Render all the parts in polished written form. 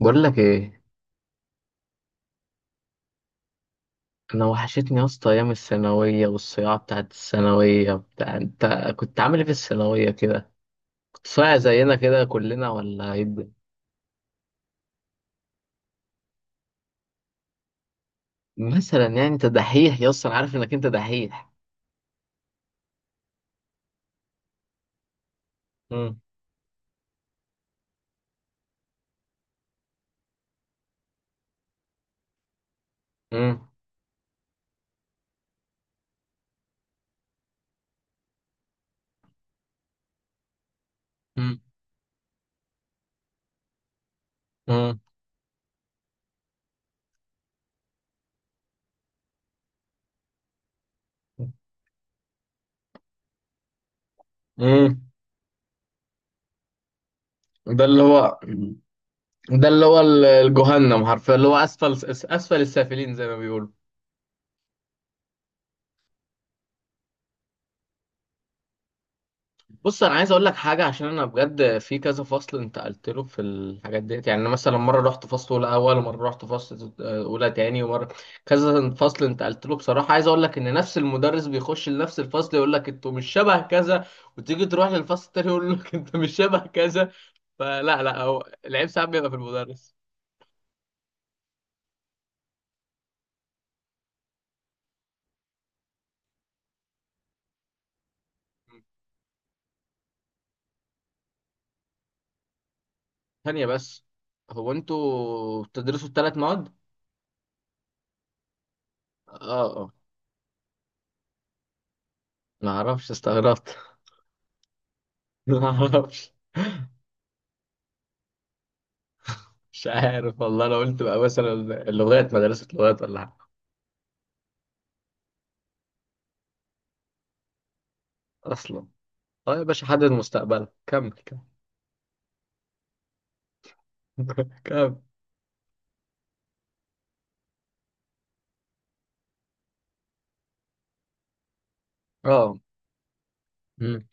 بقول لك ايه؟ انا وحشتني يا اسطى ايام الثانويه والصياعه بتاعت الثانويه بتاع انت. كنت عامل ايه في الثانويه كده؟ كنت صايع زينا كده كلنا ولا ايه الدنيا؟ مثلا يعني انت دحيح يا اسطى، انا عارف انك انت دحيح. امم. امم. امم. امم. امم. ده اللي هو ده اللي هو الجهنم حرفيا، اللي هو اسفل اسفل السافلين زي ما بيقولوا. بص، انا عايز اقول لك حاجه، عشان انا بجد في كذا فصل انتقلت له في الحاجات ديت، يعني أنا مثلا مره رحت فصل اولى اول، ومره رحت فصل اولى تاني، ومره كذا فصل انتقلت له بصراحه. عايز اقول لك ان نفس المدرس بيخش لنفس الفصل يقول لك انتوا مش شبه كذا، وتيجي تروح للفصل التاني يقول لك انت مش شبه كذا. فلا لا، هو العيب ساعات بيبقى في المدرس. ثانيه بس، هو انتوا بتدرسوا الثلاث مواد؟ اه اه. ما اعرفش، استغربت. ما اعرفش. مش عارف والله. انا قلت بقى مثلا، اللغات مدرسة لغات ولا حاجة؟ اصلا. اه يا باشا، حدد مستقبلك، كمل كمل. كمل. اه. مم.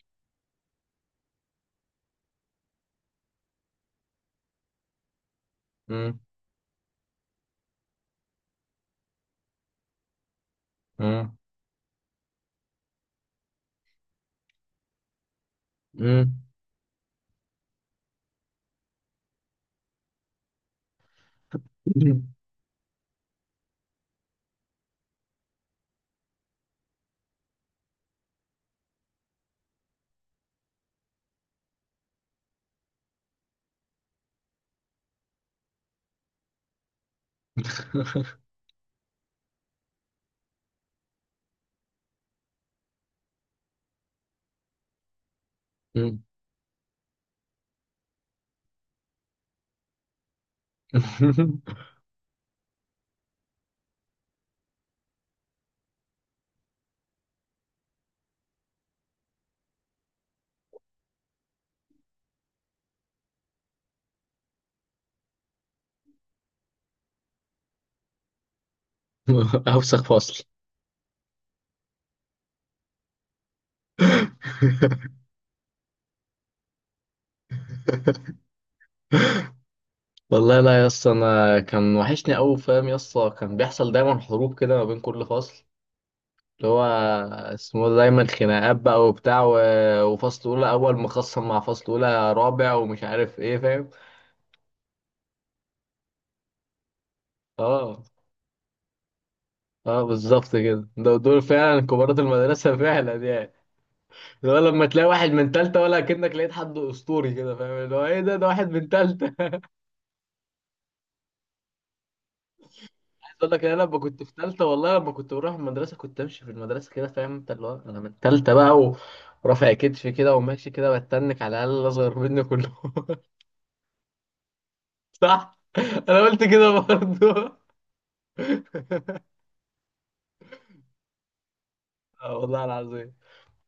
مم. مم. مم. مم. مم. اوسخ فصل. والله لا يا اسطى، انا كان وحشني قوي، فاهم يا اسطى؟ كان بيحصل دايما حروب كده ما بين كل فصل، اللي هو اسمه ده، دايما خناقات بقى وبتاع، و- وفصل اولى اول مخصم مع فصل اولى رابع، ومش عارف ايه، فاهم؟ اه. اه بالظبط كده، دول فعلا كبارات المدرسه فعلا يعني. اللي هو لما تلاقي واحد من تالتة، ولا كأنك لقيت حد أسطوري كده، فاهم؟ اللي هو إيه ده واحد من تالتة. عايز أقول لك، أنا لما كنت في تالتة والله، لما كنت بروح المدرسة كنت أمشي في المدرسة كده، فاهم أنت؟ اللي هو أنا من تالتة بقى، ورافع كتفي كده وماشي كده بتنك، على الأقل الأصغر مني كلهم. صح؟ أنا قلت كده برضه. اه والله العظيم.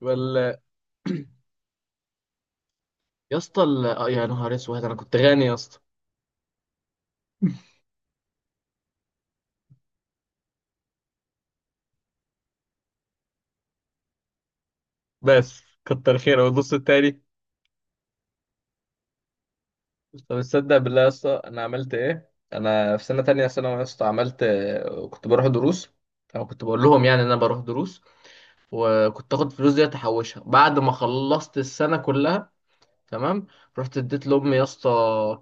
ولا يا اسطى، يا نهار اسود، انا كنت غني يا اسطى. بس كتر خيره، والنص التاني؟ طب تصدق بالله يا اسطى، انا عملت ايه؟ انا في سنه تانية ثانوي يا اسطى عملت، كنت بروح دروس، او كنت بقول لهم يعني ان انا بروح دروس، وكنت اخد فلوس دي احوشها، بعد ما خلصت السنه كلها، تمام؟ رحت اديت لامي يا اسطى،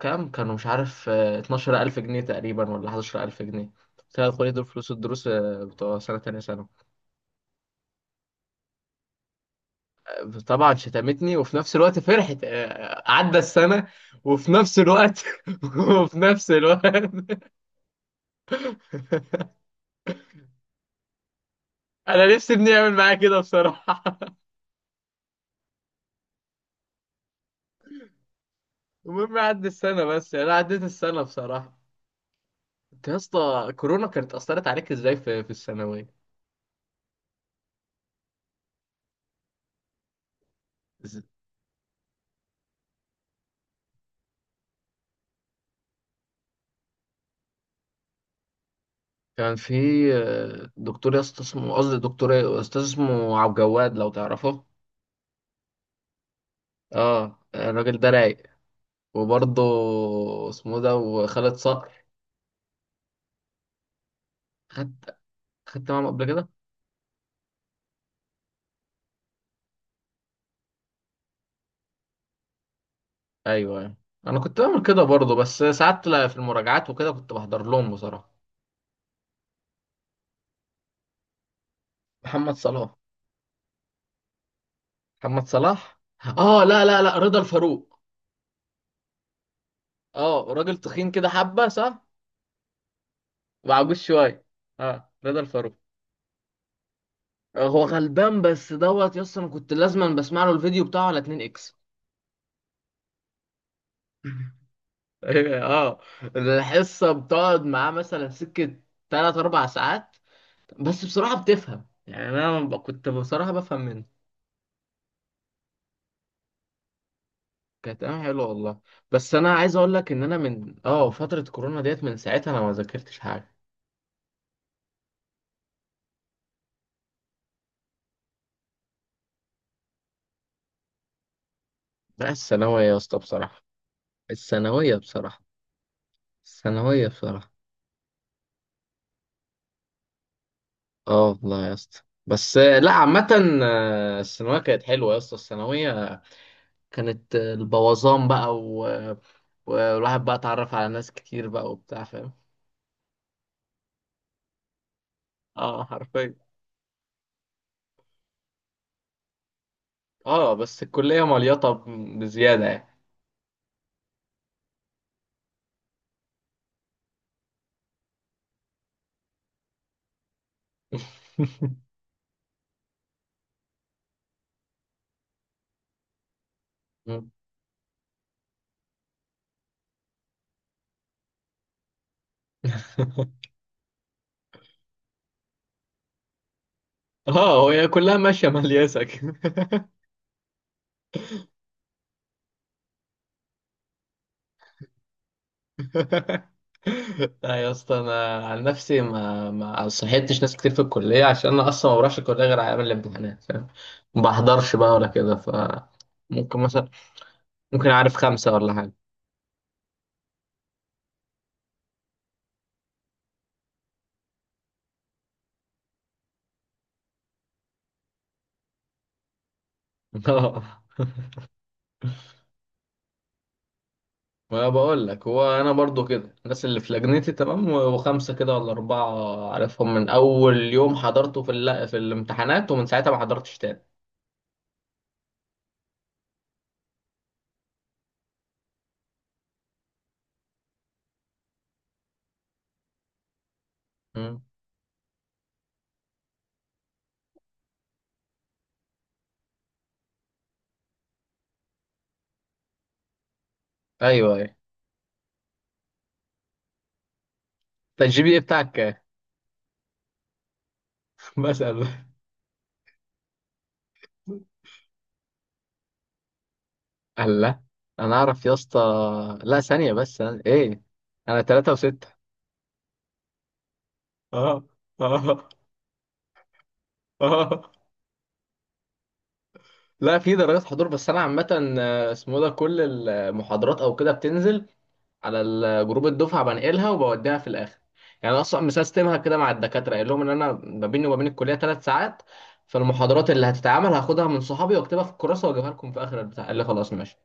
كام كانوا، مش عارف، 12,000 جنيه تقريبا ولا 11,000 جنيه. قلت لها خدي دول فلوس الدروس، بتوع سنه تانية ثانوي. طبعا شتمتني، وفي نفس الوقت فرحت، عدى السنة، وفي نفس الوقت وفي نفس الوقت. انا نفسي ابني يعمل معايا كده بصراحة. المهم عدى السنة، بس يعني انا عديت السنة بصراحة. انت يا اسطى كورونا كانت اثرت عليك ازاي في الثانوية؟ إز- كان في دكتور يا اسطى اسمه، قصدي دكتور إيه؟ استاذ اسمه عبد الجواد، لو تعرفه. اه الراجل ده رايق. وبرضه اسمه ده وخالد صقر. خدت خدت معاهم قبل كده. ايوه أيوه. انا كنت بعمل كده برضه، بس ساعات لا، في المراجعات وكده كنت بحضر لهم بصراحه. محمد صلاح. محمد صلاح. اه لا لا لا، رضا الفاروق. اه راجل تخين كده حبه، صح؟ وعجوز شويه. اه رضا الفاروق. هو غلبان بس دوت يس، انا كنت لازما بسمع له الفيديو بتاعه على 2 اكس. اه، الحصه بتقعد معاه مثلا سكه 3 4 ساعات. بس بصراحه بتفهم، يعني انا كنت بصراحه بفهم منه. كانت حلوه والله. بس انا عايز اقول لك، ان انا من فتره كورونا ديت، من ساعتها انا ما ذاكرتش حاجه. بقى الثانويه يا اسطى بصراحه. الثانويه بصراحه. الثانويه بصراحه. اه والله يا اسطى. بس لا، عامه الثانويه كانت حلوه يا اسطى. الثانويه كانت البوظان بقى، و... والواحد بقى اتعرف على ناس كتير بقى وبتاع، فاهم؟ اه حرفيا. اه بس الكليه مليطه بزياده يعني. اه، هي كلها ماشيه ملياسه كده. لا يا اسطى، انا عن نفسي ما صحيتش ناس كتير في الكليه، عشان انا اصلا ما بروحش الكليه غير على ايام الامتحانات، فاهم؟ ما بحضرش بقى ولا كده، ف. ممكن مثلا، ممكن اعرف خمسه ولا حاجه. ما بقول لك، هو انا برضو كده، الناس اللي في لجنتي تمام، و- وخمسه كده ولا اربعه عارفهم من اول يوم حضرته في الامتحانات، ومن ساعتها ما حضرتش تاني. مم. ايوه ايوه. انت الجي بي اي بتاعك كام؟ بسأل. الله. انا اعرف يا اسطى. لا ثانيه بس، أنا، ايه، انا 3.6. اه اه اه. لا في درجات حضور، بس انا عامه اسمه ده كل المحاضرات او كده بتنزل على جروب الدفعه، بنقلها وبوديها في الاخر. يعني أنا اصلا مسيستمها كده مع الدكاتره، قايل لهم ان انا ما بيني وما بين الكليه 3 ساعات، فالمحاضرات اللي هتتعمل هاخدها من صحابي واكتبها في الكراسه واجيبها لكم في اخر البتاع. قال لي خلاص ماشي.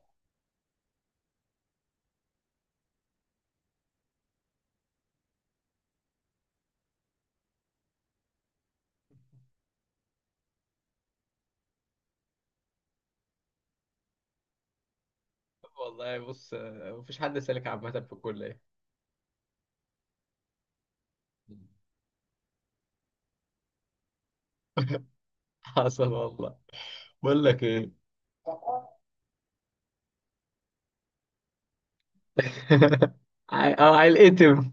والله بص، مفيش حد سالك عامه في الكليه. حصل والله. بقول لك ايه. هيتقتم.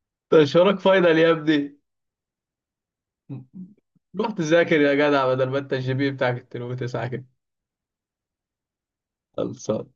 تشهرك فاينل يا ابني. روح تذاكر يا جدع، بدل ما انت الجي بي بتاعك 2.9 كده. خلصان.